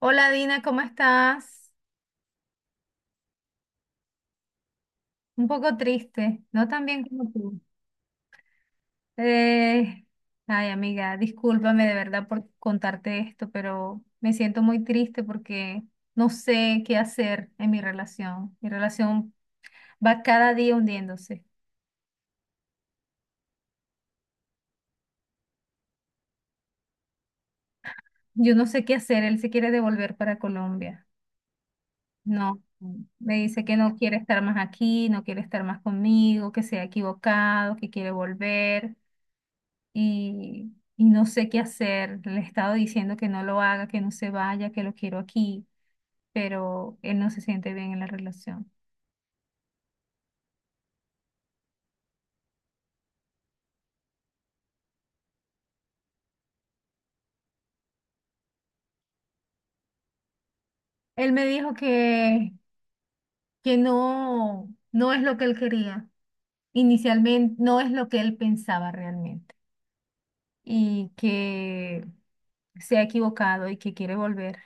Hola Dina, ¿cómo estás? Un poco triste, no tan bien como tú. Eh, Ay amiga, discúlpame de verdad por contarte esto, pero me siento muy triste porque no sé qué hacer en mi relación. Mi relación va cada día hundiéndose. Yo no sé qué hacer, él se quiere devolver para Colombia. No, me dice que no quiere estar más aquí, no quiere estar más conmigo, que se ha equivocado, que quiere volver. Y no sé qué hacer. Le he estado diciendo que no lo haga, que no se vaya, que lo quiero aquí, pero él no se siente bien en la relación. Él me dijo que no, no es lo que él quería. Inicialmente no es lo que él pensaba realmente y que se ha equivocado y que quiere volver.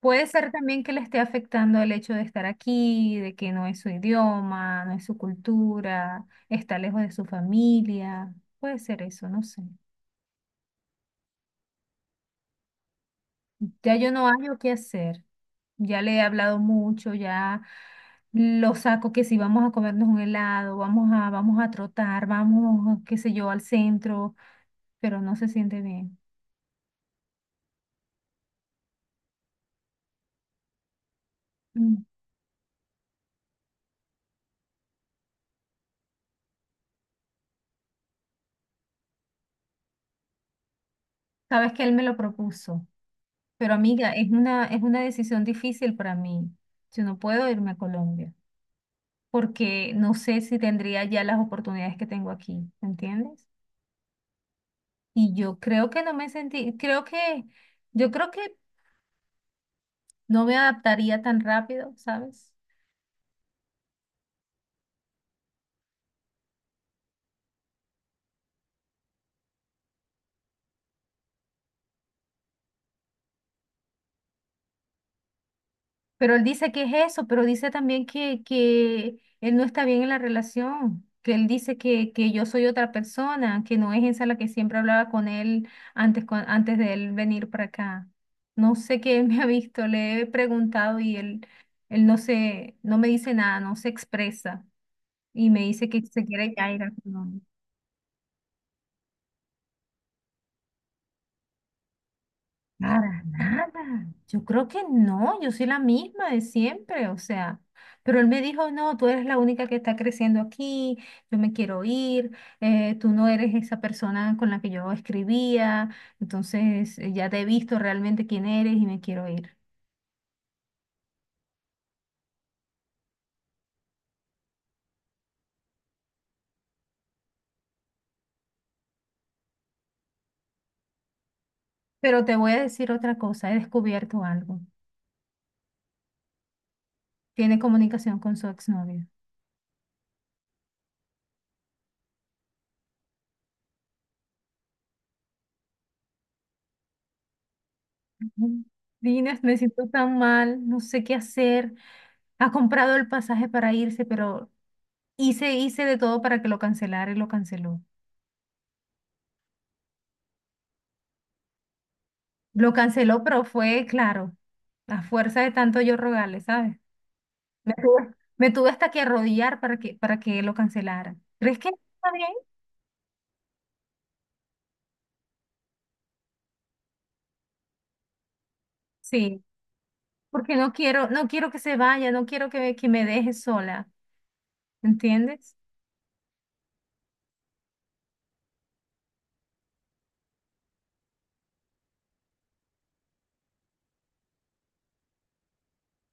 Puede ser también que le esté afectando el hecho de estar aquí, de que no es su idioma, no es su cultura, está lejos de su familia. Puede ser eso, no sé. Ya yo no hallo qué hacer. Ya le he hablado mucho, ya lo saco que si vamos a comernos un helado, vamos a trotar, vamos, qué sé yo, al centro, pero no se siente bien. Mm. Sabes que él me lo propuso, pero amiga, es una decisión difícil para mí. Yo no puedo irme a Colombia, porque no sé si tendría ya las oportunidades que tengo aquí, ¿me entiendes? Y yo creo que no me sentí, creo que, yo creo que no me adaptaría tan rápido, ¿sabes? Pero él dice que es eso, pero dice también que él no está bien en la relación, que él dice que yo soy otra persona, que no es esa la que siempre hablaba con él antes, antes de él venir para acá. No sé qué él me ha visto, le he preguntado y él, no me dice nada, no se expresa. Y me dice que se quiere ya ir a Colombia. Para nada. Yo creo que no, yo soy la misma de siempre, o sea. Pero él me dijo, no, tú eres la única que está creciendo aquí, yo me quiero ir, tú no eres esa persona con la que yo escribía, entonces ya te he visto realmente quién eres y me quiero ir. Pero te voy a decir otra cosa, he descubierto algo. Tiene comunicación con su exnovio. Ujú. Dines, me siento tan mal, no sé qué hacer. Ha comprado el pasaje para irse, pero hice de todo para que lo cancelara y lo canceló. Lo canceló, pero fue, claro, la fuerza de tanto yo rogarle, ¿sabes? Me tuve hasta que arrodillar para que lo cancelara. ¿Crees que está bien? Sí, porque no quiero que se vaya, no quiero que me deje sola, ¿entiendes?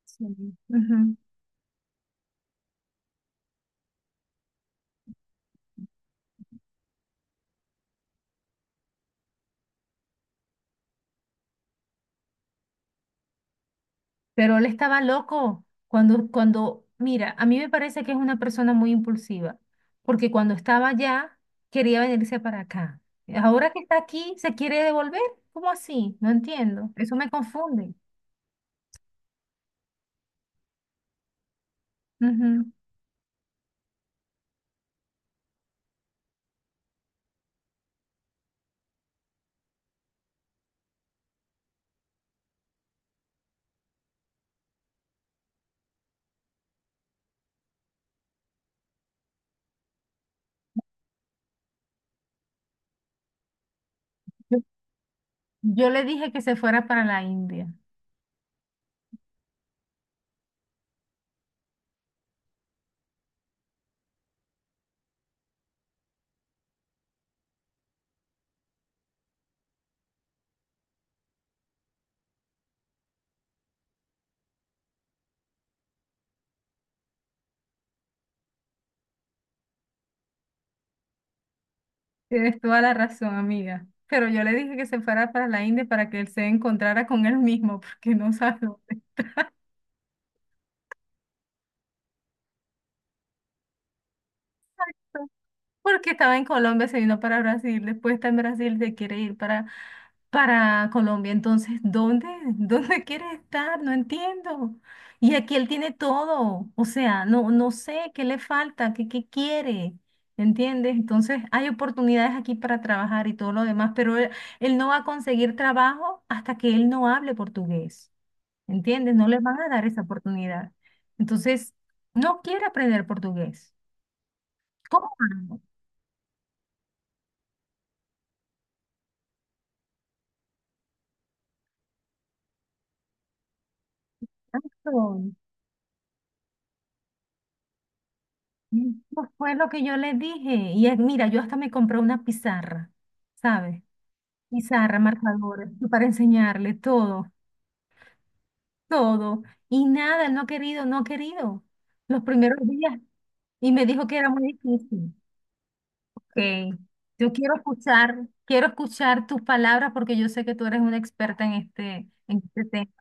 Sí. Ujú. Pero él estaba loco mira, a mí me parece que es una persona muy impulsiva, porque cuando estaba allá quería venirse para acá. Ahora que está aquí, se quiere devolver. ¿Cómo así? No entiendo. Eso me confunde. Ujú. Yo, yo le dije que se fuera para la India. Tienes toda la razón, amiga. Pero yo le dije que se fuera para la India para que él se encontrara con él mismo, porque no sabe. Porque estaba en Colombia, se vino para Brasil, después está en Brasil, se quiere ir para Colombia. Entonces, ¿dónde? ¿Dónde quiere estar? No entiendo. Y aquí él tiene todo, o sea, no, no sé qué le falta, qué, qué quiere. ¿Entiendes? Entonces hay oportunidades aquí para trabajar y todo lo demás, pero él no va a conseguir trabajo hasta que él no hable portugués. ¿Entiendes? No le van a dar esa oportunidad. Entonces, no quiere aprender portugués. ¿Cómo hago? Eso fue lo que yo le dije. Y es, mira, yo hasta me compré una pizarra, ¿sabes? Pizarra, marcadores, para enseñarle todo, todo. Y nada, él no ha querido, no ha querido. Los primeros días. Y me dijo que era muy difícil. Ok, yo quiero escuchar tus palabras porque yo sé que tú eres una experta en este tema.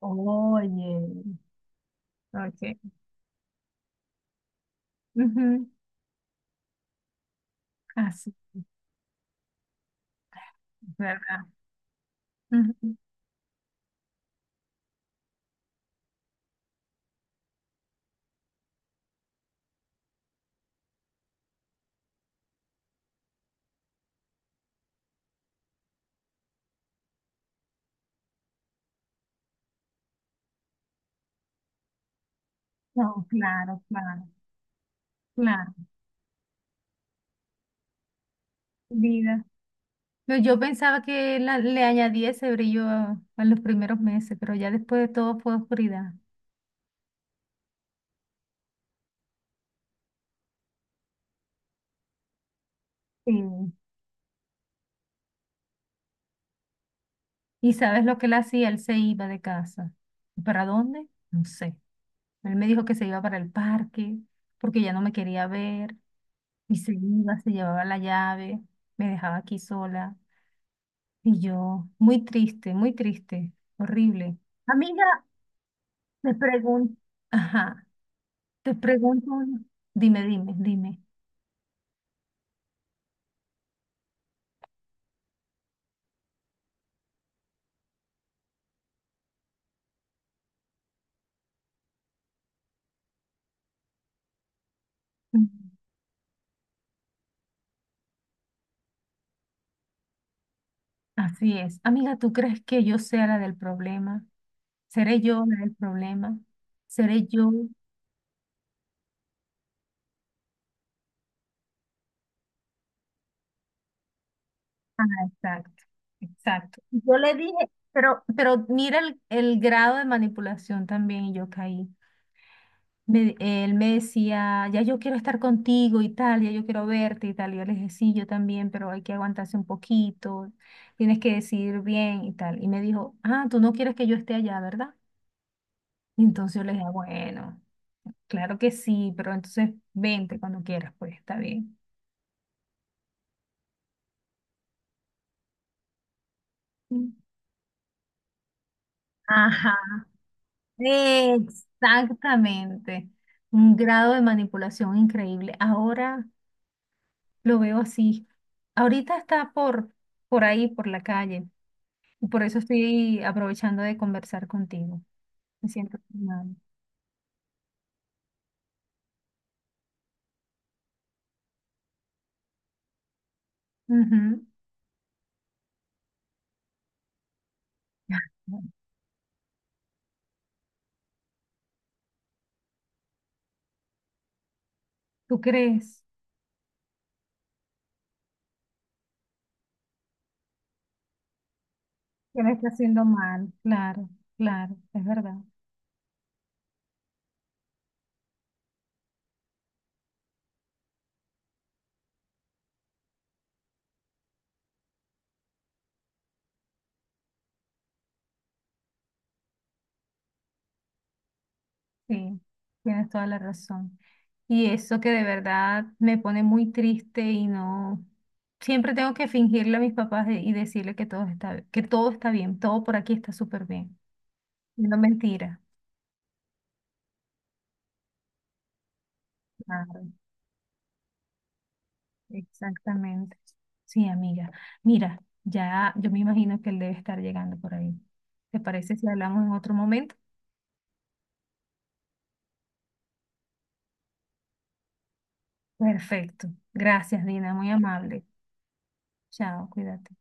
Oye, ok. Ujú. Así, ¿verdad? Ujú. No, claro, claro, claro. Vida. No, yo pensaba que le añadía ese brillo en los primeros meses, pero ya después de todo fue oscuridad. Sí. ¿Y sabes lo que él hacía? Él se iba de casa. ¿Y ¿para dónde? No sé. Él me dijo que se iba para el parque porque ya no me quería ver y se iba, se llevaba la llave, me dejaba aquí sola. Y yo, muy triste, horrible. Amiga, te pregunto, ajá, te pregunto, dime, dime, dime. Así es. Amiga, ¿tú crees que yo sea la del problema? ¿Seré yo la del problema? ¿Seré yo? Ah, exacto, exacto. Yo le dije, pero mira el grado de manipulación también y yo caí. Él me decía, ya yo quiero estar contigo y tal, ya yo quiero verte y tal. Y yo le dije, sí, yo también, pero hay que aguantarse un poquito, tienes que decidir bien y tal. Y me dijo, ah, tú no quieres que yo esté allá, ¿verdad? Y entonces yo le dije, bueno, claro que sí, pero entonces vente cuando quieras, pues está bien. Mm. Ajá, exactamente. Un grado de manipulación increíble. Ahora lo veo así. Ahorita está por ahí, por la calle. Y por eso estoy aprovechando de conversar contigo. Me siento mal. Ujú. ¿Tú crees que lo está haciendo mal? Claro, claro, es verdad. Sí, tienes toda la razón. Y eso que de verdad me pone muy triste y no, siempre tengo que fingirle a mis papás y decirle que todo está bien, todo por aquí está súper bien. No mentira. Claro, exactamente. Sí, amiga. Mira, ya yo me imagino que él debe estar llegando por ahí. ¿Te parece si hablamos en otro momento? Perfecto. Gracias, Dina, muy amable. Chao, cuídate.